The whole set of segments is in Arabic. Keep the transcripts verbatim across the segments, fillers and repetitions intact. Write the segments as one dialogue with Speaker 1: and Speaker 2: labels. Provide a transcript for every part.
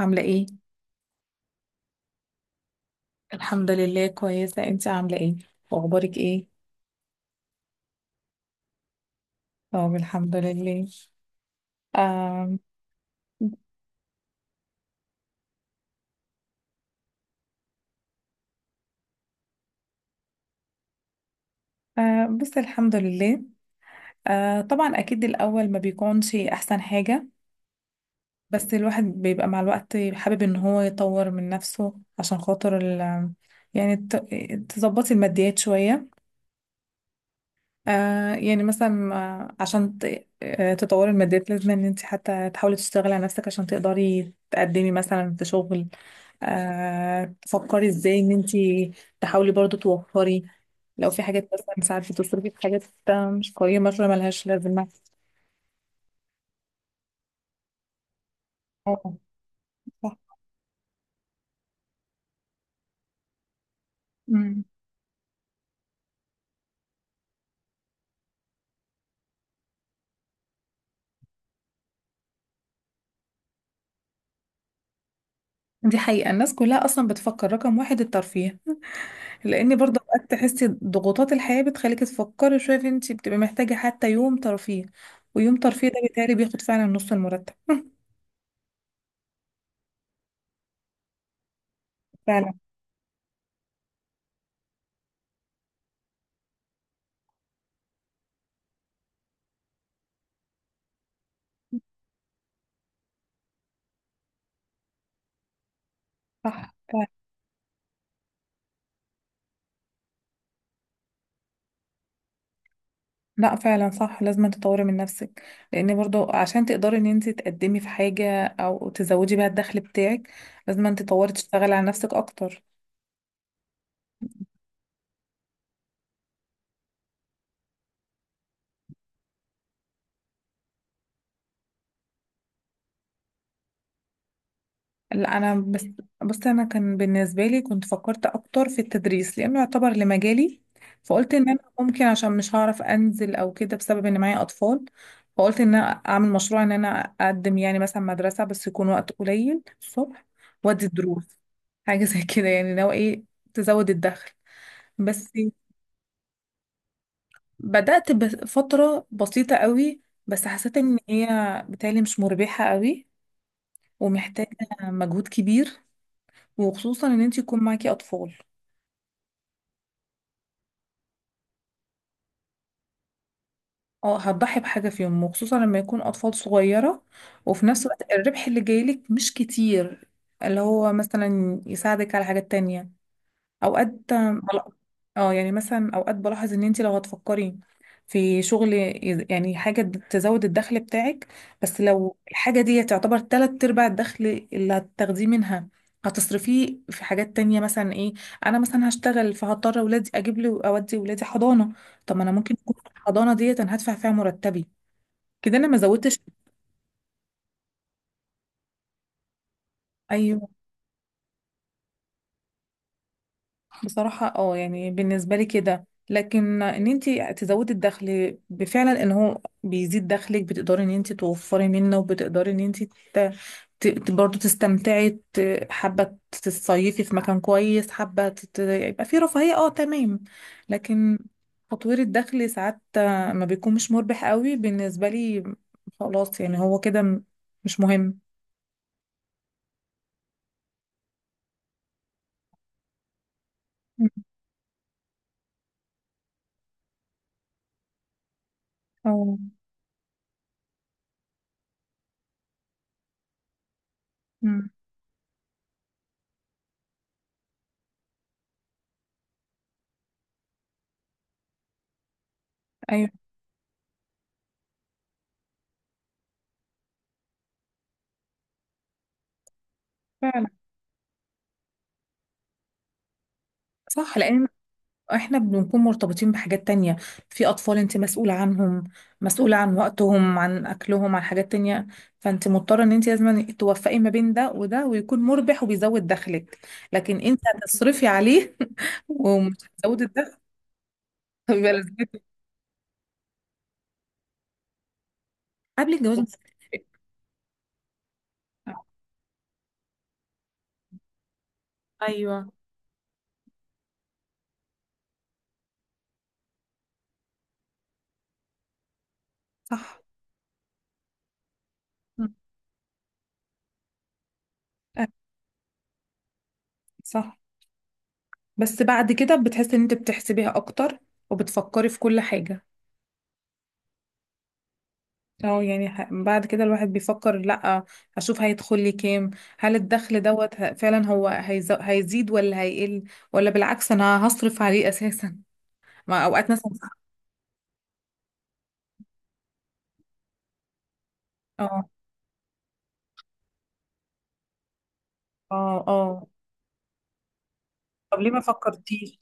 Speaker 1: عاملة ايه؟ الحمد لله كويسة، انت عاملة ايه؟ واخبارك ايه؟ طب الحمد لله. آم آه بس الحمد لله. آه طبعا اكيد الاول ما بيكونش احسن حاجة، بس الواحد بيبقى مع الوقت حابب ان هو يطور من نفسه عشان خاطر ال، يعني ت- تظبطي الماديات شوية. آه يعني مثلا آه، عشان ت- آه، تطوري الماديات لازم ان انت حتى تحاولي تشتغلي على نفسك عشان تقدري تقدمي مثلا في شغل. آه تفكري ازاي ان انت تحاولي برضو توفري لو في حاجات مثلا، ساعات بتصرفي في حاجات آه، مش قيمة، شوية ملهاش لازمة. اه، صح. مم. دي حقيقة، الناس كلها اصلا بتفكر رقم واحد الترفيه، لان برضه اوقات تحسي ضغوطات الحياه بتخليكي تفكري شويه في انت بتبقي محتاجه حتى يوم ترفيه، ويوم ترفيه ده بيتهيألي بياخد فعلا نص المرتب. فعلا. صح فعلا. لا فعلا صح، لازم تطوري من نفسك، لان برضه عشان تقدري ان انت تقدمي في حاجه او تزودي بيها الدخل بتاعك لازم انت تطوري، تشتغلي على نفسك اكتر. لا انا بس، بص، انا كان بالنسبه لي كنت فكرت اكتر في التدريس لانه يعتبر لمجالي، فقلت ان انا ممكن، عشان مش هعرف انزل او كده بسبب ان معايا اطفال، فقلت ان انا اعمل مشروع ان انا اقدم يعني مثلا مدرسه، بس يكون وقت قليل الصبح، وادي دروس، حاجه زي كده، يعني لو ايه تزود الدخل بس. بدات بفتره بسيطه قوي بس حسيت ان هي بتالي مش مربحه قوي، ومحتاجه مجهود كبير، وخصوصا ان انت يكون معاكي اطفال. اه هتضحي بحاجة فيهم، وخصوصا لما يكون أطفال صغيرة، وفي نفس الوقت الربح اللي جايلك مش كتير، اللي هو مثلا يساعدك على حاجات تانية. اوقات بل- اه يعني مثلا اوقات بلاحظ ان انت لو هتفكري في شغل يز- يعني حاجة تزود الدخل بتاعك، بس لو الحاجة دي تعتبر تلات ارباع الدخل اللي هتاخديه منها، هتصرفيه في حاجات تانية. مثلا ايه؟ انا مثلا هشتغل فهضطر اولادي، اجيب لي، اودي اولادي حضانة، طب ما انا ممكن يكون الحضانة ديت انا هدفع فيها مرتبي، كده انا ما زودتش. ايوه. بصراحة اه يعني بالنسبة لي كده، لكن ان انت تزودي الدخل، بفعلا ان هو بيزيد دخلك بتقدري ان انت توفري منه، وبتقدري ان انت ت- ت- برضه تستمتعي، ت- حابة تصيفي في مكان كويس، حابة تت- يبقى في رفاهية، اه تمام. لكن تطوير الدخل ساعات ما بيكون، مش مربح قوي بالنسبة لي، خلاص، يعني هو كده م- مش مهم. اه. أمم. ايوه فعلا صح، لان احنا بنكون مرتبطين بحاجات تانية، في اطفال انت مسؤولة عنهم، مسؤولة عن وقتهم، عن اكلهم، عن حاجات تانية، فانت مضطرة ان انت لازم توفقي ما بين ده وده، ويكون مربح وبيزود دخلك، لكن انت هتصرفي عليه ومش هتزودي الدخل، يبقى لازمتك. قبل الجواز مش هتفرق. ايوه صح. مم. أيوة، صح. بس بعد كده بتحسي ان انت بتحسبيها اكتر، وبتفكري في كل حاجة. اه يعني ح- بعد كده الواحد بيفكر، لا اشوف هيدخل لي كام، هل الدخل دوت ه- فعلا هو هيز- هيزيد ولا هيقل، ولا بالعكس انا هصرف عليه اساسا. ما اوقات مثلا. اه. اه اه. طب ليه ما فكرتيش؟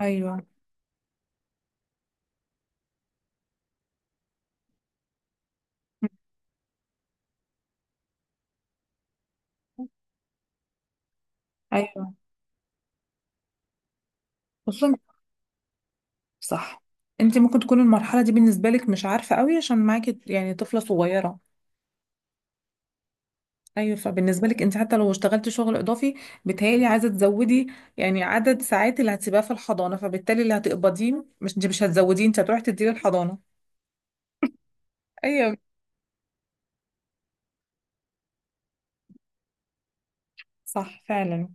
Speaker 1: ايوه. ايوه، خصوصا، صح. انت ممكن تكون المرحله دي بالنسبه لك مش عارفه قوي، عشان معاكي يعني طفله صغيره. ايوه فبالنسبه لك انت حتى لو اشتغلت شغل اضافي، بتهيألي عايزه تزودي يعني عدد ساعات اللي هتسيبها في الحضانه، فبالتالي اللي هتقبضيه مش، انت مش هتزوديه، انت هتروحي تديه للحضانه. ايوه. صح فعلا.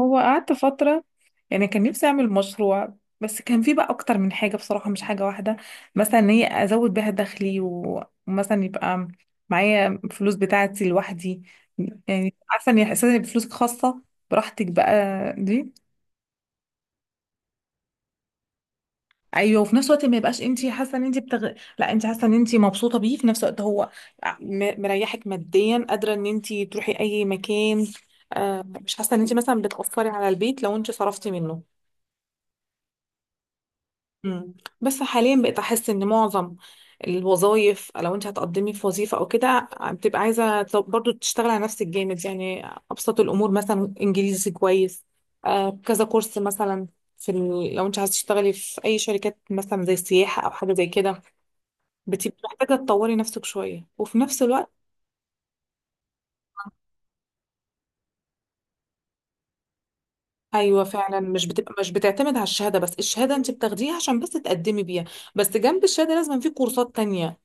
Speaker 1: هو قعدت فتره، يعني كان نفسي اعمل مشروع، بس كان في بقى اكتر من حاجه بصراحه، مش حاجه واحده. مثلا ان هي ازود بيها دخلي، و- ومثلا يبقى معايا فلوس بتاعتي لوحدي، يعني عارفه ان احساس ان يبقى فلوسك خاصه براحتك بقى دي. ايوه، وفي نفس الوقت ما يبقاش انت حاسه ان انت بتغ... لا، انت حاسه ان انت مبسوطه بيه، في نفس الوقت هو م- مريحك ماديا، قادره ان انت تروحي اي مكان، آه مش حاسه ان انت مثلا بتاثري على البيت لو انت صرفتي منه. مم. بس حاليا بقيت احس ان معظم الوظائف، لو انت هتقدمي في وظيفه او كده، آه، بتبقى عايزه ت- برضو تشتغل على نفسك جامد، يعني ابسط الامور مثلا انجليزي كويس، آه كذا كورس مثلا في ال... لو انت عايزه تشتغلي في اي شركات مثلا زي السياحه او حاجه زي كده، بتبقي محتاجة تطوري نفسك شوية، وفي نفس الوقت، أيوة فعلا. مش بتبقى، مش بتعتمد على الشهادة بس، الشهادة أنت بتاخديها عشان بس تقدمي بيها، بس جنب الشهادة لازم في كورسات تانية.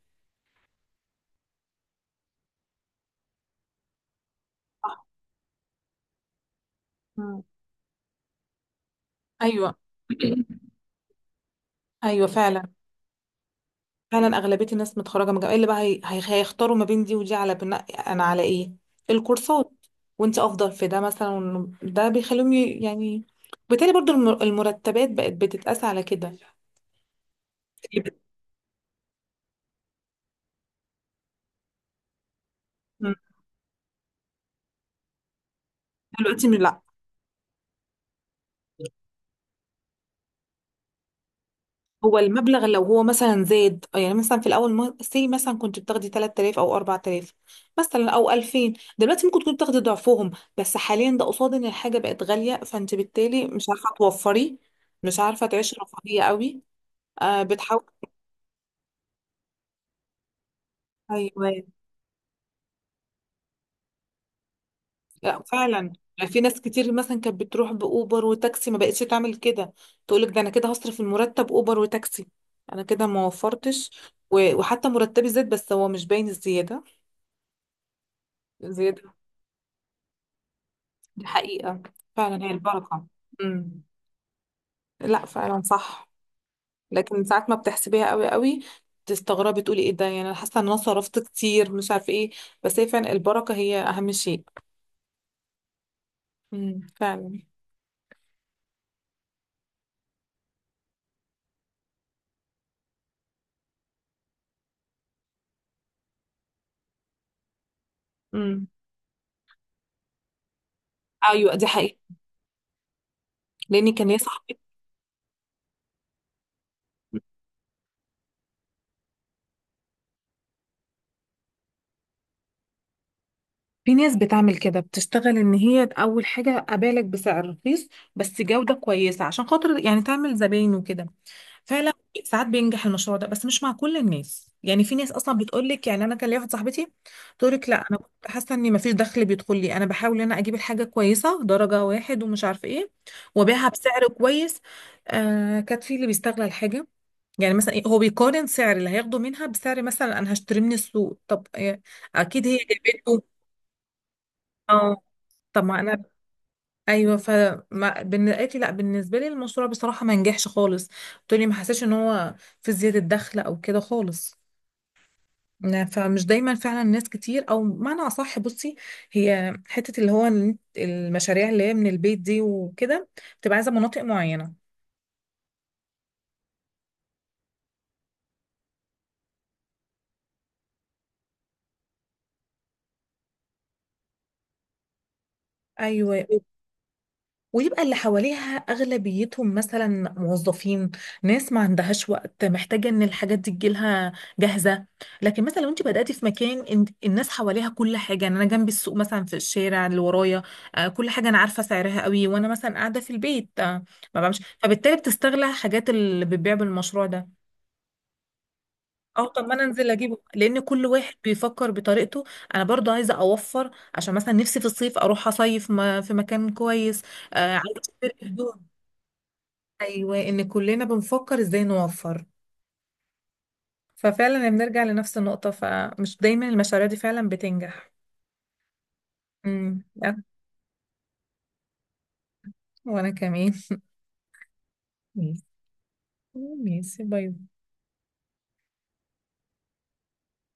Speaker 1: صح. مم. أيوة. أيوة فعلا. فعلا أغلبية الناس متخرجة من جامعة، إيه اللي بقى، هي... هي... هيختاروا ما بين دي ودي على بناء أنا على إيه، الكورسات، وأنت أفضل في ده مثلا، وإنه ده بيخليهم ي- يعني بالتالي برضو الم- المرتبات بقت بتتقاس على كده، اللي بت- مم. دلوقتي لا. هو المبلغ لو هو مثلا زاد، يعني مثلا في الاول سي مثلا كنت بتاخدي ثلاثة آلاف او اربعة آلاف مثلا، او الفين، دلوقتي ممكن تكوني بتاخدي ضعفهم، بس حاليا ده قصاد ان الحاجه بقت غاليه، فانت بالتالي مش عارفه توفري، مش عارفه تعيشي رفاهيه قوي. آه بتحاول. ايوه. لا فعلا يعني في ناس كتير مثلا كانت بتروح باوبر وتاكسي، ما بقتش تعمل كده، تقولك ده انا كده هصرف المرتب اوبر وتاكسي، انا كده ما وفرتش، و- وحتى مرتبي زاد بس هو مش باين الزياده زياده. دي حقيقة. فعلا هي البركة. امم. لا فعلا صح. لكن ساعات ما بتحسبيها قوي قوي، تستغربي تقولي ايه ده، يعني انا حاسة ان انا صرفت كتير، مش عارفة ايه، بس هي فعلا البركة هي اهم شيء. امم فعلا. امم. ايوه دي حقيقة. لان كان ليا صاحبتي. في ناس بتعمل كده، بتشتغل ان هي اول حاجة ابالغ بسعر رخيص بس جودة كويسة، عشان خاطر يعني تعمل زباين وكده. فعلا ساعات بينجح المشروع ده، بس مش مع كل الناس، يعني في ناس اصلا بتقول لك، يعني انا كان ليا واحده صاحبتي تقول لك لا، انا كنت حاسه اني ما فيش دخل بيدخل لي، انا بحاول ان انا اجيب الحاجه كويسه درجه واحد ومش عارفه ايه، وابيعها بسعر كويس، آه كانت في اللي بيستغل الحاجه، يعني مثلا إيه، هو بيقارن سعر اللي هياخده منها بسعر مثلا انا هشتريه من السوق، طب آه، اكيد هي جابته. اه طب ما انا. ايوه ف ما- بالن- قالت لي لا بالنسبه لي المشروع بصراحه ما نجحش خالص، قلت لي ما حسيتش ان هو في زياده دخل او كده خالص. ن- فمش دايما فعلا ناس كتير، او معنى اصح بصي، هي حته اللي هو ال- المشاريع اللي هي من البيت دي وكده، بتبقى عايزه مناطق معينه. ايوه، ويبقى اللي حواليها أغلبيتهم مثلا موظفين، ناس ما عندهاش وقت، محتاجة إن الحاجات دي تجيلها جاهزة، لكن مثلا لو أنت بدأتي في مكان إن- الناس حواليها كل حاجة، يعني أنا جنبي السوق مثلا في الشارع اللي ورايا، آه، كل حاجة أنا عارفة سعرها قوي، وأنا مثلا قاعدة في البيت آه، ما بعملش، فبالتالي بتستغلى حاجات اللي بتبيع بالمشروع ده. اه طب ما انا انزل اجيبه، لان كل واحد بيفكر بطريقته. انا برضو عايزه اوفر عشان مثلا نفسي في الصيف اروح اصيف ما- في مكان كويس، آه، عايزه اشتري هدوم. ايوه ان كلنا بنفكر ازاي نوفر. ففعلا بنرجع لنفس النقطة، فمش دايما المشاريع دي فعلا بتنجح. امم أه، وانا كمان. ميسي. ميسي، باي باي.